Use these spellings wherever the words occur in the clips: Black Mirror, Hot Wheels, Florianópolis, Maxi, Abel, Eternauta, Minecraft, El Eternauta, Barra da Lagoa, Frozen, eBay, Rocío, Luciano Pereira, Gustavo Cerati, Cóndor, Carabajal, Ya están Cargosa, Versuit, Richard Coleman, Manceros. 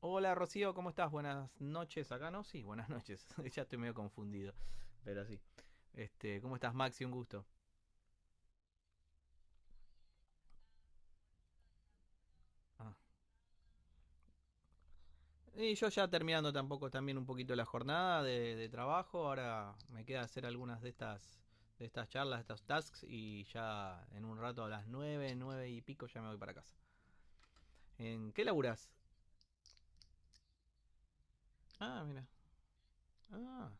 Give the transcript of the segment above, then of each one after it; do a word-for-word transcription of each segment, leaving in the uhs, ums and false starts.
Hola Rocío, ¿cómo estás? Buenas noches. Acá no, sí, buenas noches. Ya estoy medio confundido, pero sí. Este, ¿Cómo estás, Maxi? Un gusto. Ah. Y yo ya terminando tampoco también un poquito la jornada de, de trabajo. Ahora me queda hacer algunas de estas, de estas charlas, de estos tasks y ya en un rato a las nueve, nueve y pico ya me voy para casa. ¿En qué laburás? Ah, mira. Ah,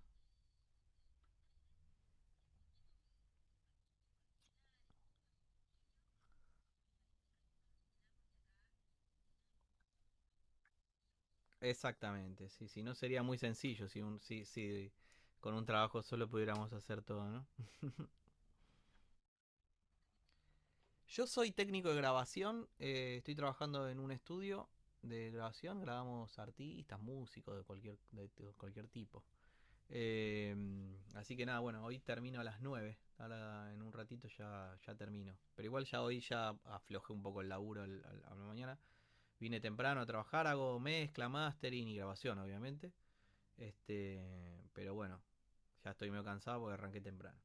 exactamente. Sí, sí, no sería muy sencillo si, un, si, si con un trabajo solo pudiéramos hacer todo, ¿no? Yo soy técnico de grabación, eh, estoy trabajando en un estudio de grabación, grabamos artistas, músicos de cualquier, de cualquier tipo. Eh, así que nada, bueno, hoy termino a las nueve. Ahora en un ratito ya, ya termino. Pero igual ya hoy ya aflojé un poco el laburo a la mañana. Vine temprano a trabajar, hago mezcla, mastering y grabación, obviamente. Este, pero bueno, ya estoy medio cansado porque arranqué temprano.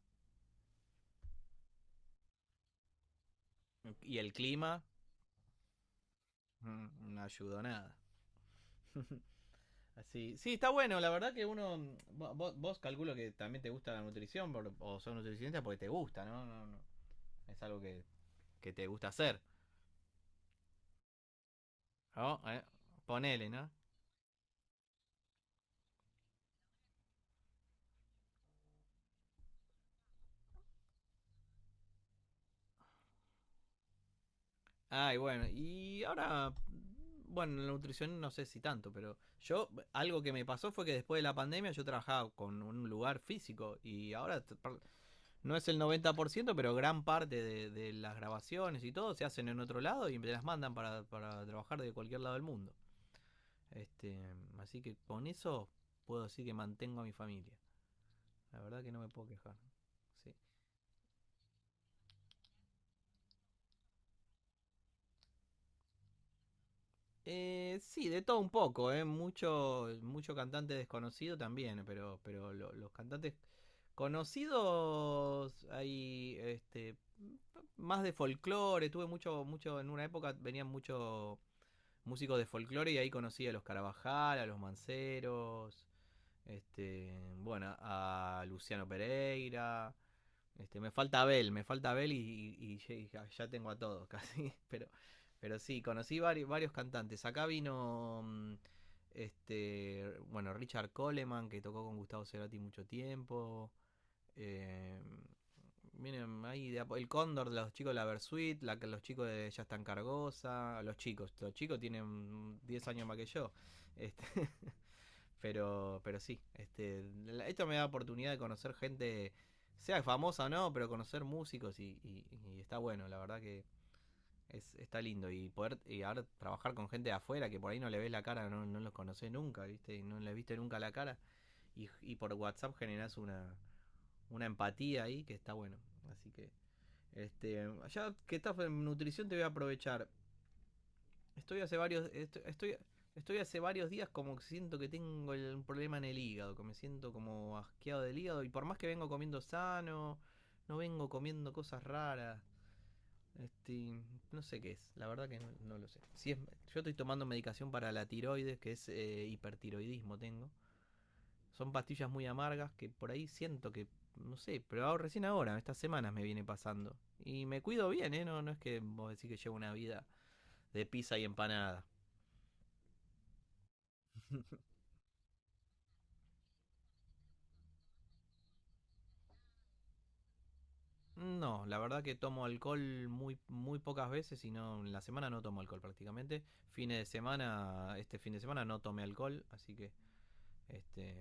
Y el clima mm, no ayudó nada. Así. Sí, está bueno. La verdad que uno. Vos, vos calculo que también te gusta la nutrición por- o sos nutricionista porque te gusta, ¿no? No, no. Es algo que, que te gusta hacer. ¿No? Eh, Ponele, ¿no? Ah, y bueno. Y ahora. Bueno, la nutrición no sé si tanto, pero yo. Algo que me pasó fue que después de la pandemia yo trabajaba con un lugar físico y ahora no es el noventa por ciento, pero gran parte de, de las grabaciones y todo se hacen en otro lado y me las mandan para, para trabajar de cualquier lado del mundo. Este, así que con eso puedo decir que mantengo a mi familia. La verdad que no me puedo quejar. Sí. Eh, sí, de todo un poco, ¿eh? Mucho, mucho cantante desconocido también, pero, pero lo- los cantantes conocidos hay este más de folclore, tuve mucho, mucho, en una época venían muchos músicos de folclore y ahí conocí a los Carabajal, a los Manceros, este, bueno, a Luciano Pereira. Este, me falta Abel, me falta Abel y, y- y- ya, ya tengo a todos casi. Pero, pero sí, conocí varios, varios cantantes. Acá vino mm, este, bueno, Richard Coleman, que tocó con Gustavo Cerati mucho tiempo. Eh, Miren, ahí de a po- el Cóndor, los chicos de la Versuit, la, los chicos de Ya están Cargosa, los chicos, los chicos tienen diez años más que yo. Este, Pero, pero sí, este, esto me da oportunidad de conocer gente, sea famosa o no, pero conocer músicos y, y- y está bueno, la verdad que es, está lindo. Y poder y ahora trabajar con gente de afuera que por ahí no le ves la cara, no, no los conoces nunca, ¿viste? No les viste nunca la cara. Y, y por WhatsApp generás una, una empatía ahí que está bueno. Así que, este, ya que estás en nutrición te voy a aprovechar. Estoy hace varios. Estoy, estoy, estoy hace varios días como que siento que tengo el- un problema en el hígado, que me siento como asqueado del hígado. Y por más que vengo comiendo sano, no vengo comiendo cosas raras. Este, no sé qué es, la verdad que no, no lo sé. Si es, Yo estoy tomando medicación para la tiroides, que es eh, hipertiroidismo tengo. Son pastillas muy amargas que por ahí siento que, no sé, pero ahora- recién ahora, estas semanas me viene pasando. Y me cuido bien, ¿eh? No, no es que vos decís que llevo una vida de pizza y empanada. No, la verdad que tomo alcohol muy, muy pocas veces y no, en la semana no tomo alcohol prácticamente. Fines de semana, este fin de semana no tomé alcohol, así que este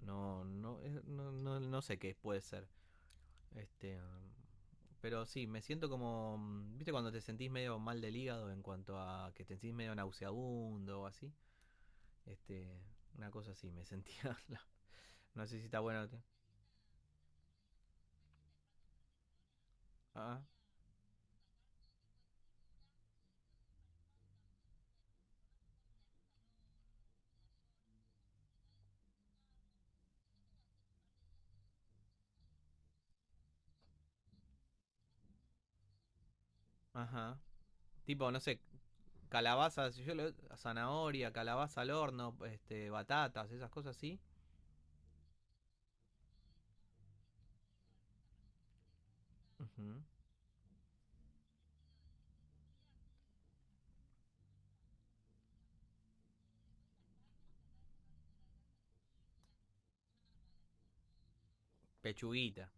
no, no, eh, no, no, no sé qué puede ser. Este, um, pero sí, me siento como, mm, viste cuando te sentís medio mal del hígado en cuanto a que te sentís medio nauseabundo o así. Este, una cosa así, me sentía. No, no sé si está bueno. Ah, ajá. Tipo, no sé, calabaza, yo lo- zanahoria, calabaza al horno, este, batatas, esas cosas así. Uh-huh. Pechuguita.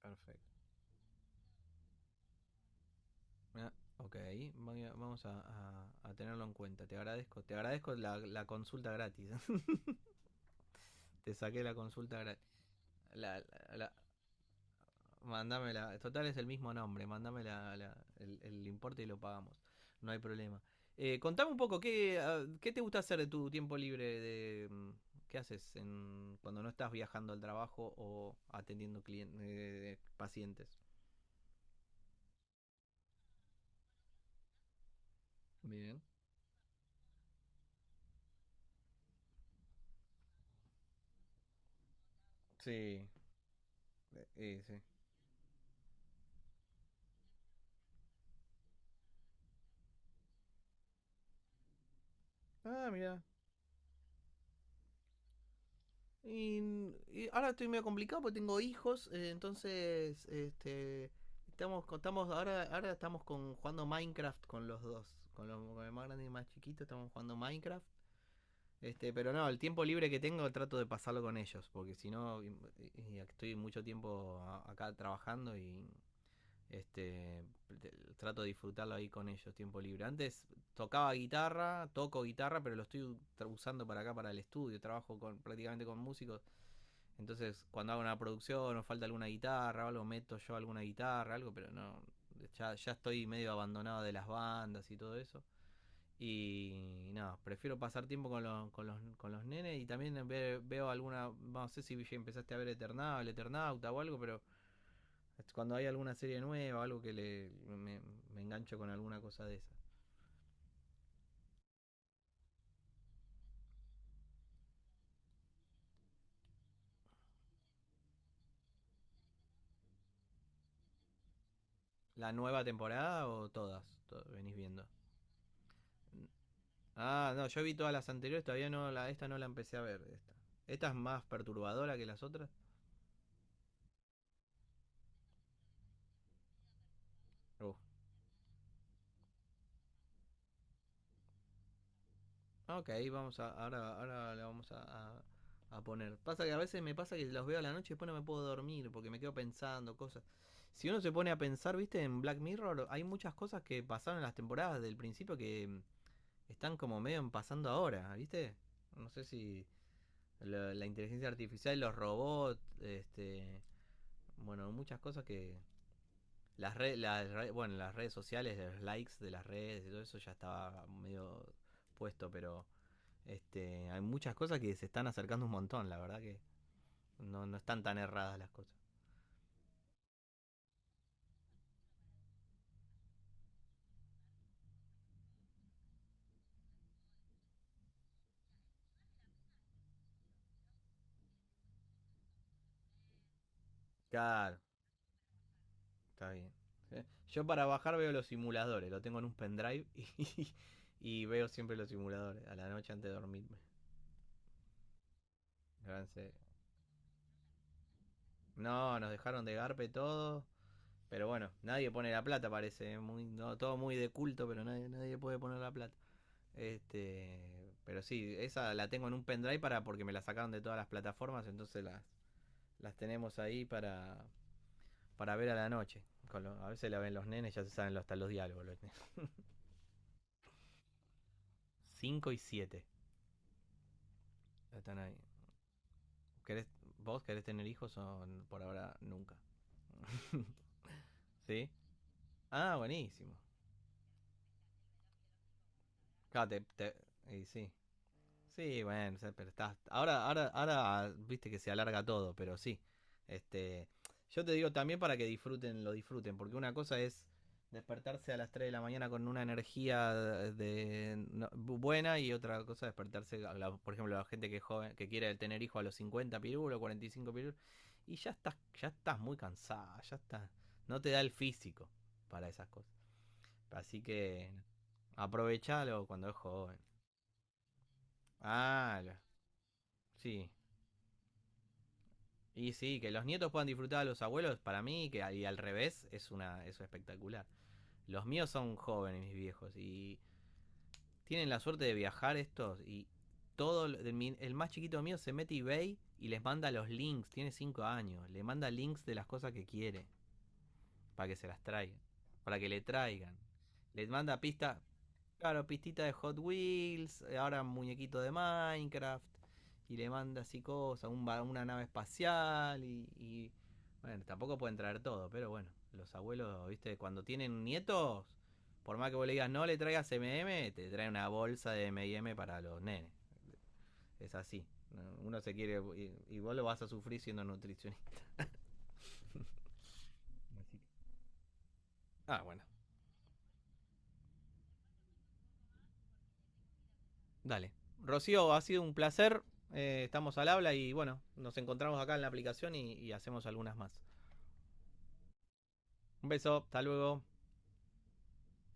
Perfecto. Ah, ok, vamos a, a- a tenerlo en cuenta. Te agradezco, te agradezco la, la consulta gratis. Te saqué la consulta gratis. La, la- la- Mándame Total es el mismo nombre. Mándame la, la- el, el importe y lo pagamos. No hay problema. Eh, contame un poco, ¿qué, ah, ¿qué te gusta hacer de tu tiempo libre? De, mm, ¿Qué haces en- cuando no estás viajando al trabajo o atendiendo clien- eh, pacientes? Bien. Sí. Eh, eh, sí. Ah, mira. Y, y ahora estoy medio complicado porque tengo hijos, eh, entonces este, estamos, con- estamos ahora, ahora estamos con, jugando Minecraft con los dos, con, los, con el más grande y el más chiquito estamos jugando Minecraft. Este, pero no, el tiempo libre que tengo trato de pasarlo con ellos, porque si no y- y estoy mucho tiempo a- acá trabajando y este te- trato de disfrutarlo ahí con ellos tiempo libre. Antes tocaba guitarra, toco guitarra, pero lo estoy u- tra- usando para acá para el estudio, trabajo con prácticamente con músicos entonces, cuando hago una producción o falta alguna guitarra o algo, meto yo alguna guitarra, algo, pero no. Ya, ya estoy medio abandonado de las bandas y todo eso. Y nada, no, prefiero pasar tiempo con los, con los, con los nenes y también ve- veo alguna, no sé si ya empezaste a ver Eternauta, Eternauta o algo, pero cuando hay alguna serie nueva algo que le, me, me engancho con alguna cosa de esa. ¿La nueva temporada o todas? To- venís viendo. Ah, no, yo vi todas las anteriores, todavía no la, esta no la empecé a ver. Esta, esta es más perturbadora que las otras. Uh, ok, vamos a, ahora, ahora la vamos a, a- a poner. Pasa que a veces me pasa que los veo a la noche y después no me puedo dormir porque me quedo pensando cosas. Si uno se pone a pensar, viste, en Black Mirror hay muchas cosas que pasaron en las temporadas del principio que mm, están como medio en pasando ahora, viste. No sé si la, la inteligencia artificial, los robots, este, bueno, muchas cosas que. Las redes, las Bueno, las redes sociales, los likes de las redes y todo eso ya estaba medio puesto, pero este, hay muchas cosas que se están acercando un montón, la verdad que no, no están tan erradas las cosas. Claro, está bien. ¿Sí? Yo para bajar veo los simuladores, lo tengo en un pendrive y, y veo siempre los simuladores a la noche antes de dormirme. No, nos dejaron de garpe todo, pero bueno, nadie pone la plata parece, ¿eh? Muy, no, todo muy de culto, pero nadie, nadie puede poner la plata. Este, pero sí, esa la tengo en un pendrive para porque me la sacaron de todas las plataformas, entonces las, las tenemos ahí para, para ver a la noche. Con lo- a veces la ven los nenes, ya se saben lo- hasta los diálogos. Los cinco y siete están ahí. ¿Querés, ¿Vos querés tener hijos o por ahora nunca? ¿Sí? Ah, buenísimo. Claro, te- te- y sí. Sí, bueno, o sea, pero estás. Ahora, ahora, ahora viste que se alarga todo, pero sí. Este, yo te digo también para que disfruten, lo disfruten, porque una cosa es despertarse a las tres de la mañana con una energía de, no- bu- buena y otra cosa es despertarse, a la- por ejemplo, la gente que es joven, que quiere tener hijos a los cincuenta pirulos, cuarenta y cinco pirulos, y ya estás, ya estás muy cansada, ya estás, no te da el físico para esas cosas. Así que aprovechalo cuando es joven. Ah, lo- sí. Y sí, que los nietos puedan disfrutar a los abuelos, para mí, que y al revés, es una eso espectacular. Los míos son jóvenes, mis viejos, y tienen la suerte de viajar estos, y todo, lo- el más chiquito mío se mete a eBay y les manda los links, tiene cinco años, le manda links de las cosas que quiere para que se las traigan, para que le traigan. Les manda pista, claro, pistita de Hot Wheels, eh, ahora muñequito de Minecraft, y le manda así cosas, un una nave espacial, y, y, bueno, tampoco pueden traer todo, pero bueno, los abuelos, viste, cuando tienen nietos, por más que vos le digas no le traigas M M, te trae una bolsa de M M para los nenes. Es así, ¿no? Uno se quiere, y vos lo vas a sufrir siendo nutricionista. Ah, bueno. Dale. Rocío, ha sido un placer. Eh, estamos al habla y bueno, nos encontramos acá en la aplicación y, y hacemos algunas más. Un beso, hasta luego.